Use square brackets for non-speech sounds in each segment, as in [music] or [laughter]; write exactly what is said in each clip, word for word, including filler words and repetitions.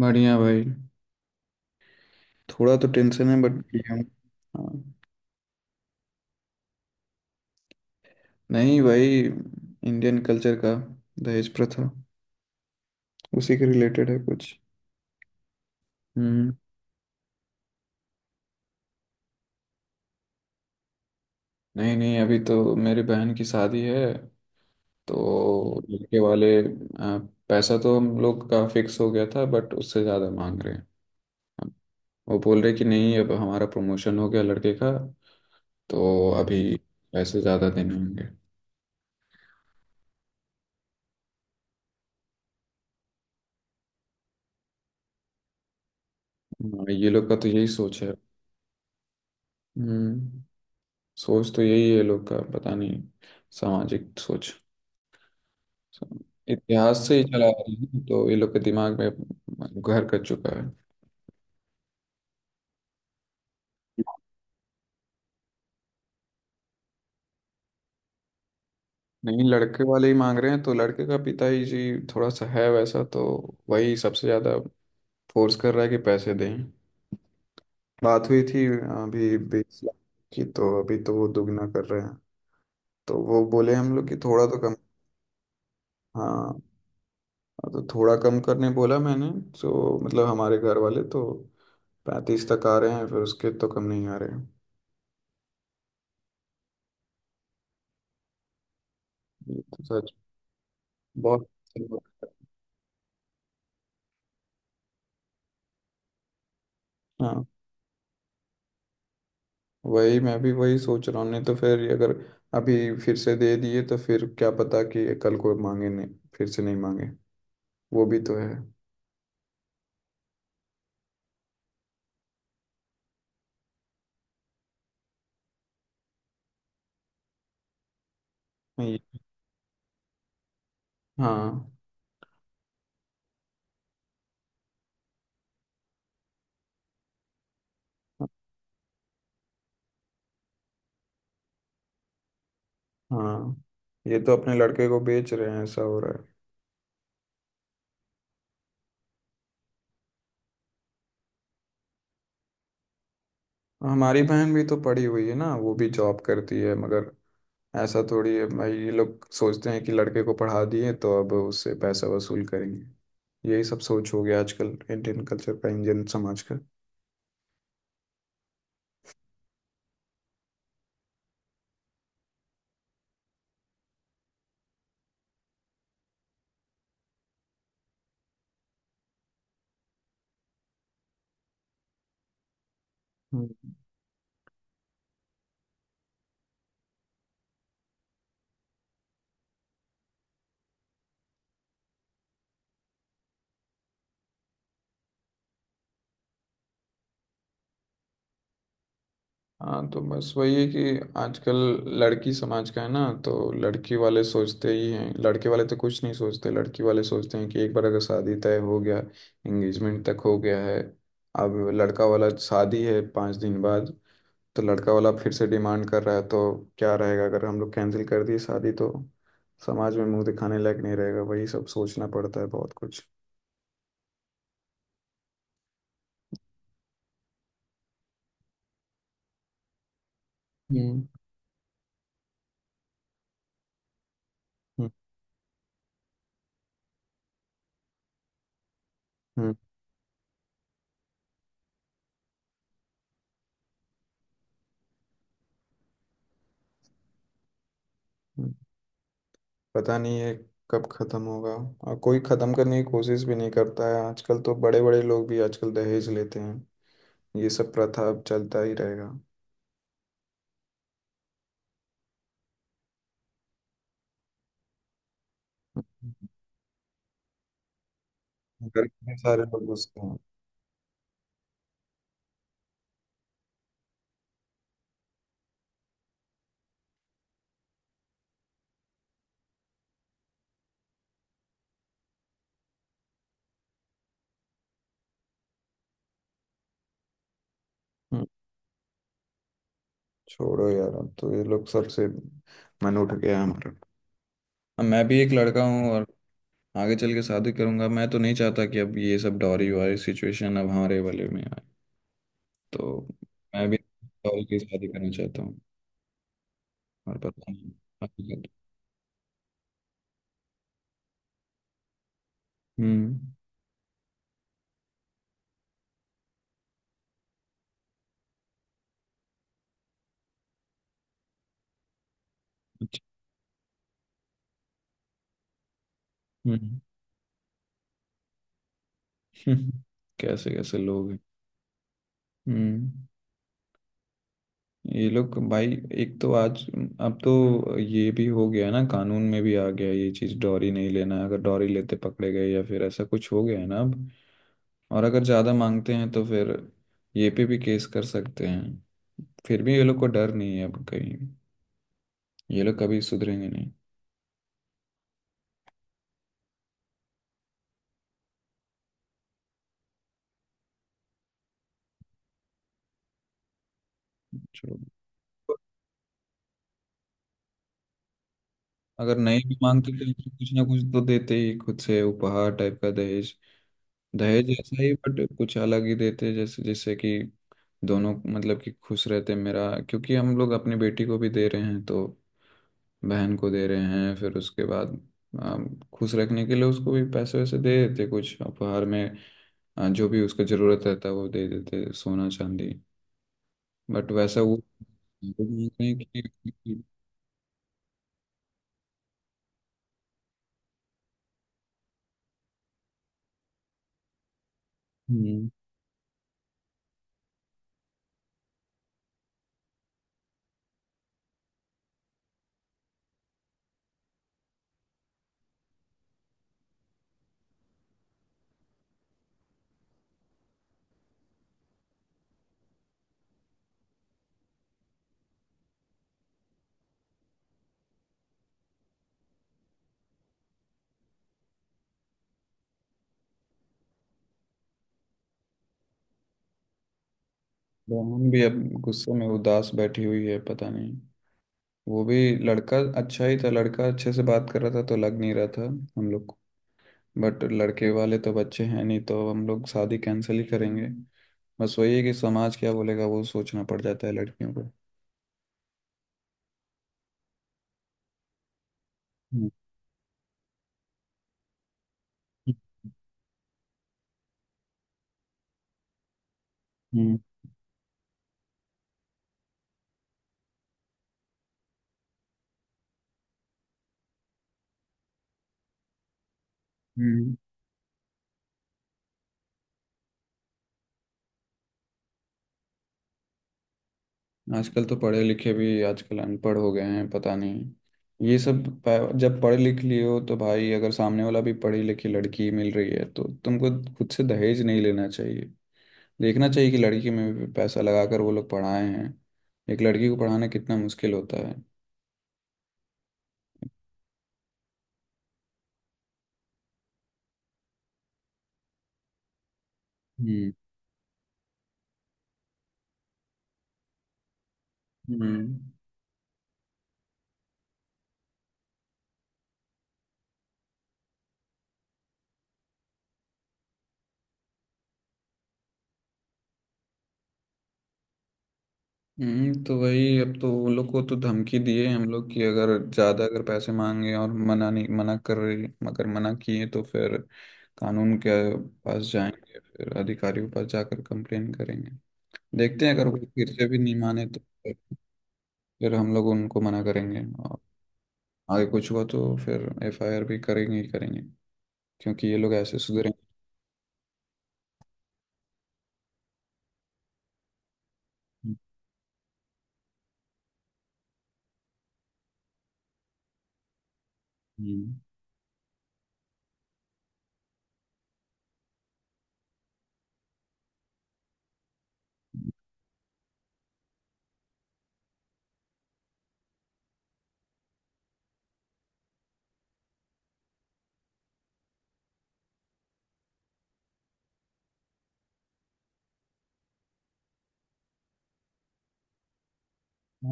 बढ़िया भाई। थोड़ा तो टेंशन है बट ठीक है। हाँ, नहीं भाई, इंडियन कल्चर का दहेज प्रथा, उसी के रिलेटेड है कुछ। हम्म। नहीं नहीं, अभी तो मेरी बहन की शादी है। तो लड़के वाले, आ, पैसा तो हम लोग का फिक्स हो गया था बट उससे ज़्यादा मांग रहे हैं। हम- वो बोल रहे कि नहीं, अब हमारा प्रमोशन हो गया लड़के का, तो अभी पैसे ज़्यादा देने होंगे। हाँ, ये लोग का तो यही सोच है। हम्म। सोच तो यही है लोग का, पता नहीं। सामाजिक सोच इतिहास से ही चला आ रही है, तो ये लोग के दिमाग में घर कर चुका है। नहीं, लड़के वाले ही मांग रहे हैं, तो लड़के का पिता ही जी थोड़ा सा है वैसा तो। वही सबसे ज़्यादा फोर्स कर रहा है कि पैसे दें। बात हुई थी अभी बीस लाख की, तो अभी तो वो दुगना कर रहे हैं। तो वो बोले हम लोग कि थोड़ा तो कम। हाँ, तो थोड़ा कम करने बोला मैंने। तो मतलब हमारे घर वाले तो पैंतीस तक आ रहे हैं, फिर उसके तो कम नहीं आ रहे हैं। ये तो सच। बहुत। हाँ, वही मैं भी वही सोच रहा हूँ, नहीं तो फिर ये अगर अभी फिर से दे दिए तो फिर क्या पता कि ये कल को मांगे नहीं, फिर से नहीं मांगे, वो भी तो है। ये- हाँ। हाँ, ये तो अपने लड़के को बेच रहे हैं, ऐसा हो रहा है। हमारी बहन भी तो पढ़ी हुई है ना, वो भी जॉब करती है, मगर ऐसा थोड़ी है भाई। ये लोग सोचते हैं कि लड़के को पढ़ा दिए तो अब उससे पैसा वसूल करेंगे। यही सब सोच हो गया आजकल, इंडियन कल्चर का, इंडियन समाज का। हम्म। हाँ, तो बस वही है कि आजकल लड़की समाज का है ना, तो लड़की वाले सोचते ही हैं, लड़के वाले तो कुछ नहीं सोचते। लड़की वाले सोचते हैं कि एक बार अगर शादी तय हो गया, एंगेजमेंट तक हो गया है, अब लड़का वाला शादी है पाँच दिन बाद, तो लड़का वाला फिर से डिमांड कर रहा है, तो क्या रहेगा अगर हम लोग कैंसिल कर दिए शादी तो समाज में मुंह दिखाने लायक नहीं रहेगा, वही सब सोचना पड़ता है बहुत कुछ। हम्म। हम्म। हम्म। हम्म। पता नहीं ये कब खत्म होगा। और कोई खत्म करने की कोशिश भी नहीं करता है आजकल तो, बड़े बड़े लोग भी आजकल दहेज लेते हैं। ये सब प्रथा अब चलता ही रहेगा। हम्म। घर में सारे लोग घुसते हैं। हम्म। छोड़ो यार, अब तो ये लोग सबसे मन उठ गया है हमारा। अब मैं भी एक लड़का हूँ और आगे चल के शादी करूंगा, मैं तो नहीं चाहता कि अब ये सब डॉरी वारी सिचुएशन अब हमारे वाले में आए, तो मैं भी डॉरी की शादी करना चाहता हूँ। और पता नहीं हकीकत- हम्म। अच्छा, हम्म। [laughs] कैसे कैसे लोग हैं। हम्म। ये लोग भाई, एक तो आज, अब तो ये भी हो गया ना, कानून में भी आ गया ये चीज़, डॉरी नहीं लेना। अगर डॉरी लेते पकड़े गए या फिर ऐसा कुछ हो गया है ना अब, और अगर ज़्यादा मांगते हैं तो फिर ये पे भी केस कर सकते हैं। फिर भी ये लोग को डर नहीं है अब कहीं, ये लोग कभी सुधरेंगे नहीं। छोड़ो। अगर नहीं भी मांगते तो ये लोग कुछ ना कुछ तो देते ही खुद से, उपहार टाइप का, दहेज दहेज जैसा ही बट कुछ अलग ही देते, जैसे जैसे कि दोनों मतलब कि खुश रहते मेरा, क्योंकि हम लोग अपनी बेटी को भी दे रहे हैं तो, बहन को दे रहे हैं, फिर उसके बाद अम, खुश रखने के लिए उसको भी पैसे वैसे दे देते, कुछ उपहार में। अ, जो भी उसको जरूरत रहता है वो दे देते, सोना चांदी। बट वैसा वो वो मांग रहे हैं कि। हम्म। बहन भी अब गुस्से में उदास बैठी हुई है, पता नहीं वो भी। लड़का अच्छा ही था, लड़का अच्छे से बात कर रहा था तो लग नहीं रहा था हम लोग को, बट लड़के वाले तो बच्चे हैं नहीं, तो हम लोग शादी कैंसिल ही करेंगे। बस वही है कि समाज क्या बोलेगा, वो सोचना पड़ जाता है लड़कियों को। हम्म। हम्म। हम्म। आजकल तो पढ़े लिखे भी आजकल अनपढ़ हो गए हैं, पता नहीं। ये सब प- जब पढ़ लिख लिए हो तो भाई, अगर सामने वाला भी पढ़ी लिखी लड़की मिल रही है तो तुमको खुद से दहेज नहीं लेना चाहिए। देखना चाहिए कि लड़की में भी पैसा लगाकर वो लोग पढ़ाए हैं, एक लड़की को पढ़ाना कितना मुश्किल होता है। हम्म। हम्म। हम्म, तो वही अब तो उन लोग को तो धमकी दिए हम लोग कि अगर ज़्यादा अगर पैसे मांगे और मना नहीं, मना कर रही मगर, मना किए तो फिर कानून के पास जाएंगे, फिर अधिकारियों के पास जाकर कंप्लेन करेंगे। देखते हैं अगर वो फिर से भी नहीं माने तो फिर फिर हम लोग उनको मना करेंगे, और आगे कुछ हुआ तो फिर एफ आई आर भी करेंगे ही करेंगे, क्योंकि ये लोग ऐसे सुधरेंगे। हम्म।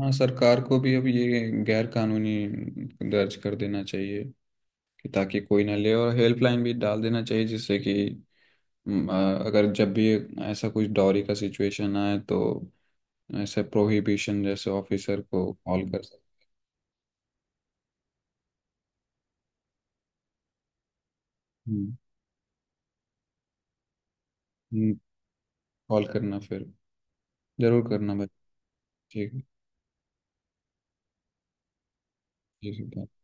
हाँ, सरकार को भी अब ये गैर कानूनी दर्ज कर देना चाहिए कि, ताकि कोई ना ले, और हेल्पलाइन भी डाल देना चाहिए जिससे कि हम्म, अ, अगर जब भी ऐसा कुछ डॉरी का सिचुएशन आए तो ऐसे प्रोहिबिशन जैसे ऑफिसर को कॉल कर सकते। कॉल करना फिर, जरूर करना भाई। ठीक है। ठीक है, bye।